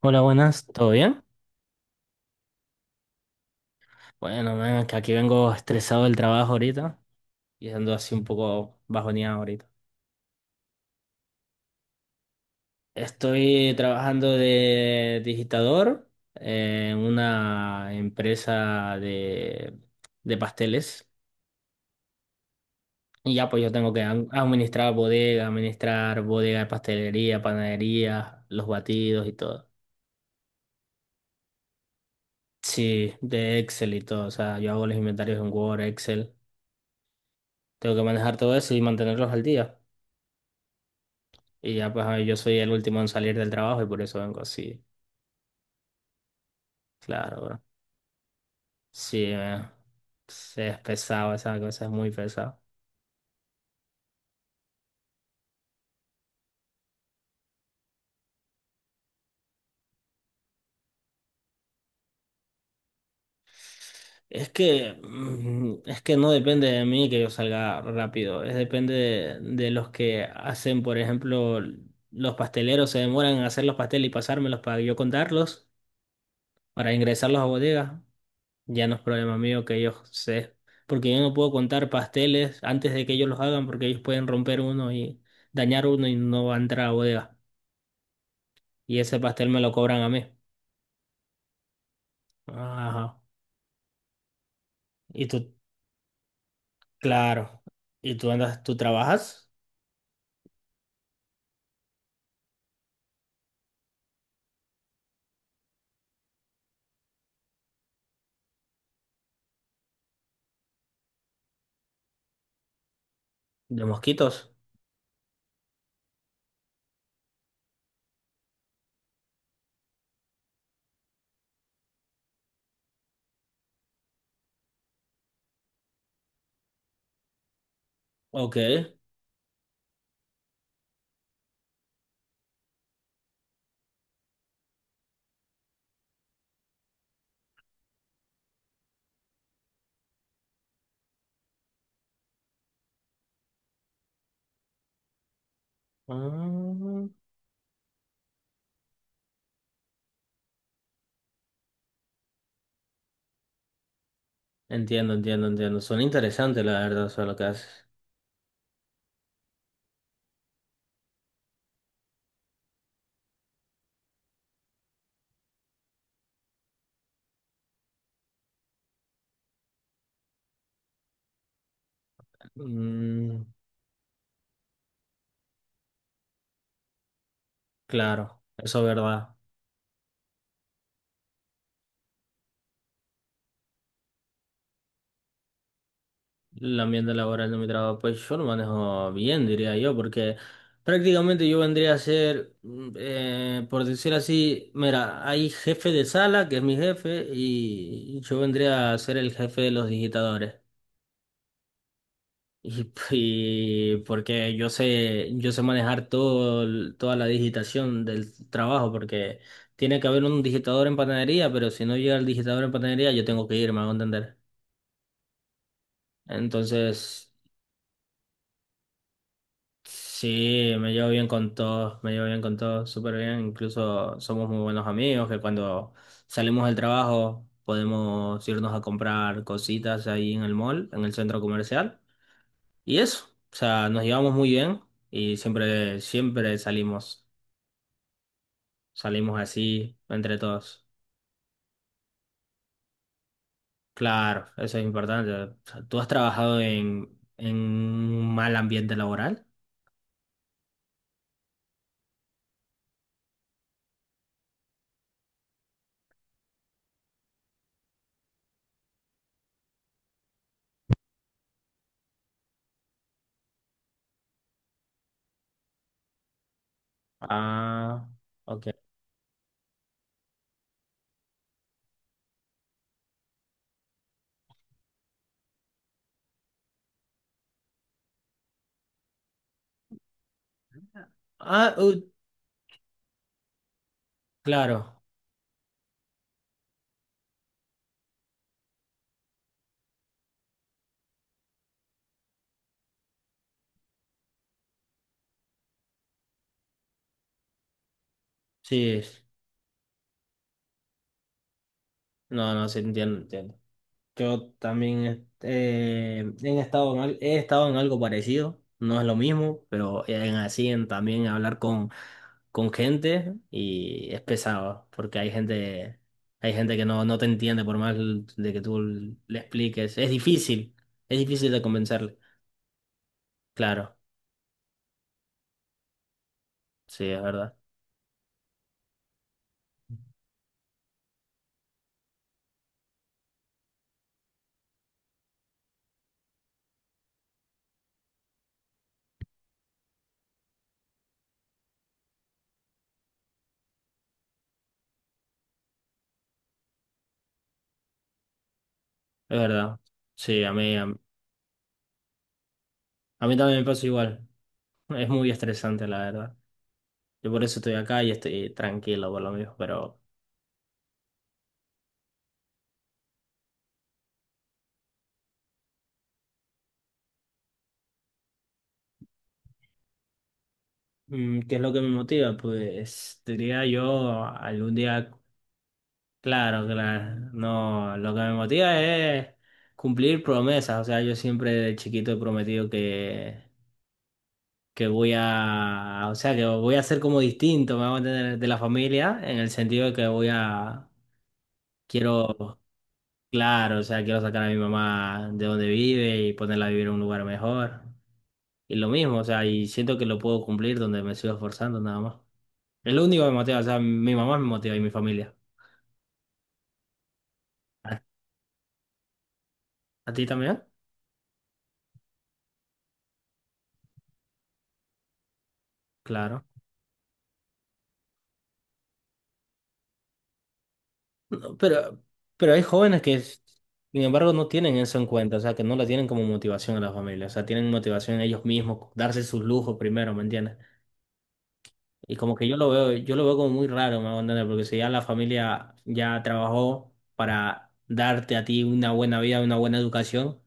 Hola, buenas, ¿todo bien? Bueno, man, que aquí vengo estresado del trabajo ahorita y ando así un poco bajoneado ahorita. Estoy trabajando de digitador en una empresa de pasteles y ya pues yo tengo que administrar bodega de pastelería, panadería, los batidos y todo. Sí, de Excel y todo, o sea, yo hago los inventarios en Word, Excel, tengo que manejar todo eso y mantenerlos al día. Y ya pues a ver, yo soy el último en salir del trabajo y por eso vengo así. Claro, bro. Sí, es pesado, esa cosa es muy pesado. Es que, es que no depende de mí que yo salga rápido, es depende de los que hacen, por ejemplo, los pasteleros se demoran en hacer los pasteles y pasármelos para yo contarlos, para ingresarlos a bodegas. Ya no es problema mío que ellos se... Porque yo no puedo contar pasteles antes de que ellos los hagan porque ellos pueden romper uno y dañar uno y no va a entrar a bodega. Y ese pastel me lo cobran a mí. Ajá. Y tú, claro. ¿Y tú andas, tú trabajas de mosquitos? Ok. Ah, entiendo, entiendo, entiendo. Son interesantes, la verdad, eso lo que haces. Mm, claro, eso es verdad. El ambiente laboral de mi trabajo, pues yo lo manejo bien, diría yo, porque prácticamente yo vendría a ser, por decir así, mira, hay jefe de sala, que es mi jefe, y yo vendría a ser el jefe de los digitadores. Y porque yo sé manejar todo, toda la digitación del trabajo, porque tiene que haber un digitador en panadería, pero si no llega el digitador en panadería, yo tengo que irme, a entender. Entonces. Sí, me llevo bien con todos, me llevo bien con todos, súper bien. Incluso somos muy buenos amigos, que cuando salimos del trabajo podemos irnos a comprar cositas ahí en el mall, en el centro comercial. Y eso, o sea, nos llevamos muy bien y siempre, siempre salimos, salimos así entre todos. Claro, eso es importante. O sea, ¿tú has trabajado en un mal ambiente laboral? Ah, ok. Ah, claro, sí. No, no, sí, entiendo, entiendo. Yo también he estado en, he estado en algo parecido, no es lo mismo, pero en así en también hablar con gente y es pesado, porque hay gente que no, no te entiende por más de que tú le expliques. Es difícil de convencerle. Claro, sí, es verdad, es verdad. Sí, a mí, a mí también me pasa igual. Es muy estresante, la verdad. Yo por eso estoy acá y estoy tranquilo por lo mismo, pero... Mm, ¿qué es lo que me motiva? Pues diría yo algún día, claro, claro, no, lo que me motiva es cumplir promesas, o sea, yo siempre de chiquito he prometido que voy a, o sea, que voy a ser como distinto, me voy a mantener de la familia, en el sentido de que voy a, quiero, claro, o sea, quiero sacar a mi mamá de donde vive y ponerla a vivir en un lugar mejor, y lo mismo, o sea, y siento que lo puedo cumplir donde me sigo esforzando nada más. Es lo único que me motiva, o sea, mi mamá me motiva y mi familia. ¿A ti también? Claro. No, pero hay jóvenes que, sin embargo, no tienen eso en cuenta, o sea, que no la tienen como motivación a la familia, o sea, tienen motivación en ellos mismos, darse sus lujos primero, ¿me entiendes? Y como que yo lo veo como muy raro, me hago entender, porque si ya la familia ya trabajó para darte a ti una buena vida, una buena educación,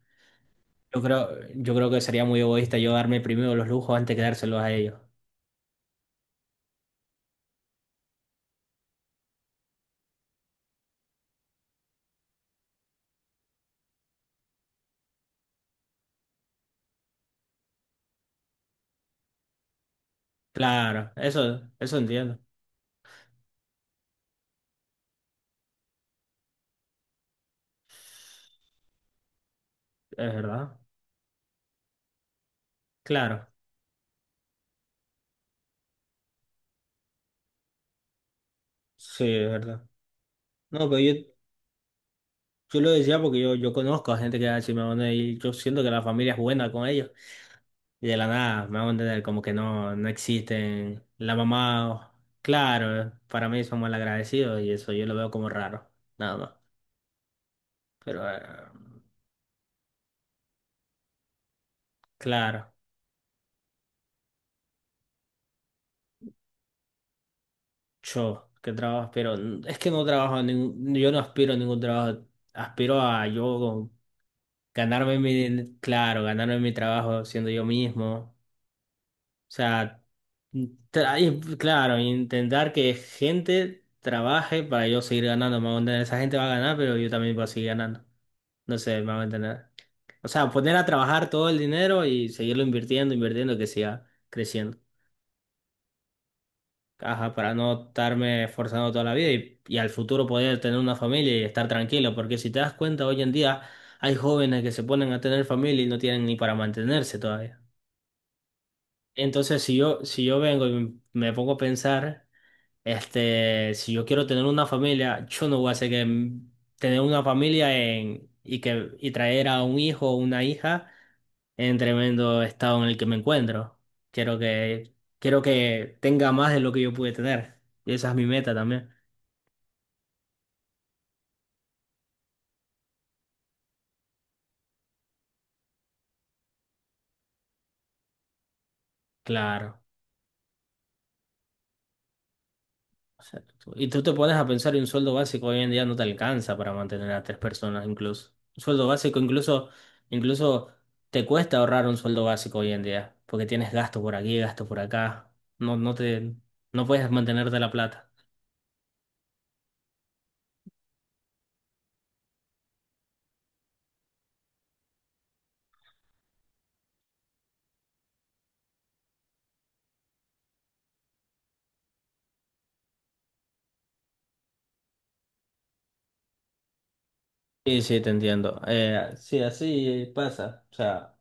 yo creo, yo creo que sería muy egoísta yo darme primero los lujos antes que dárselos a ellos. Claro, eso entiendo, es verdad. Claro. Sí, es verdad. No, pero yo lo decía porque yo conozco a gente que es así, me van a decir, y yo siento que la familia es buena con ellos. Y de la nada, me van a entender como que no, no existen. La mamá, claro, para mí son malagradecidos y eso yo lo veo como raro, nada más. Pero claro, yo que trabajo, pero es que no trabajo, en ningún, yo no aspiro a ningún trabajo, aspiro a yo ganarme mi, claro, ganarme mi trabajo siendo yo mismo. O sea, y, claro, intentar que gente trabaje para yo seguir ganando, me hago entender. Esa gente va a ganar, pero yo también voy a seguir ganando. No sé, me hago entender. O sea, poner a trabajar todo el dinero y seguirlo invirtiendo, invirtiendo, que siga creciendo. Ajá, para no estarme esforzando toda la vida y al futuro poder tener una familia y estar tranquilo. Porque si te das cuenta, hoy en día hay jóvenes que se ponen a tener familia y no tienen ni para mantenerse todavía. Entonces, si yo, si yo vengo y me pongo a pensar. Este, si yo quiero tener una familia, yo no voy a hacer que tener una familia en, y que y traer a un hijo o una hija en tremendo estado en el que me encuentro. Quiero que quiero que tenga más de lo que yo pude tener. Y esa es mi meta también. Claro. Exacto. Y tú te pones a pensar y un sueldo básico hoy en día no te alcanza para mantener a tres personas incluso. Un sueldo básico incluso, incluso te cuesta ahorrar un sueldo básico hoy en día, porque tienes gasto por aquí, gasto por acá. No, no te, no puedes mantenerte la plata. Sí, sí, te entiendo. Sí, así pasa. O sea,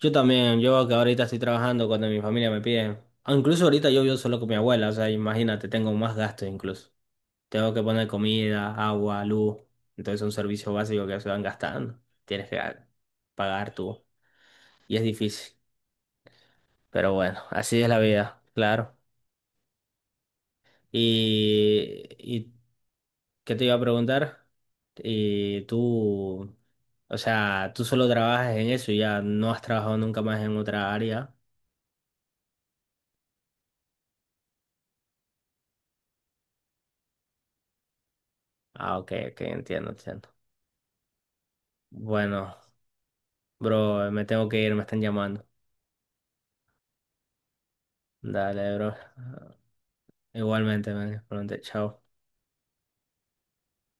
yo también, yo que ahorita estoy trabajando cuando mi familia me pide. Ah, incluso ahorita yo vivo solo con mi abuela, o sea, imagínate, tengo más gasto incluso. Tengo que poner comida, agua, luz. Entonces son servicios básicos que se van gastando. Tienes que pagar tú. Y es difícil. Pero bueno, así es la vida, claro. Y ¿qué te iba a preguntar? Y tú, o sea, tú solo trabajas en eso y ya no has trabajado nunca más en otra área. Ah, ok, ok, entiendo, entiendo. Bueno, bro, me tengo que ir, me están llamando. Dale, bro. Igualmente, man. Pronto, chao.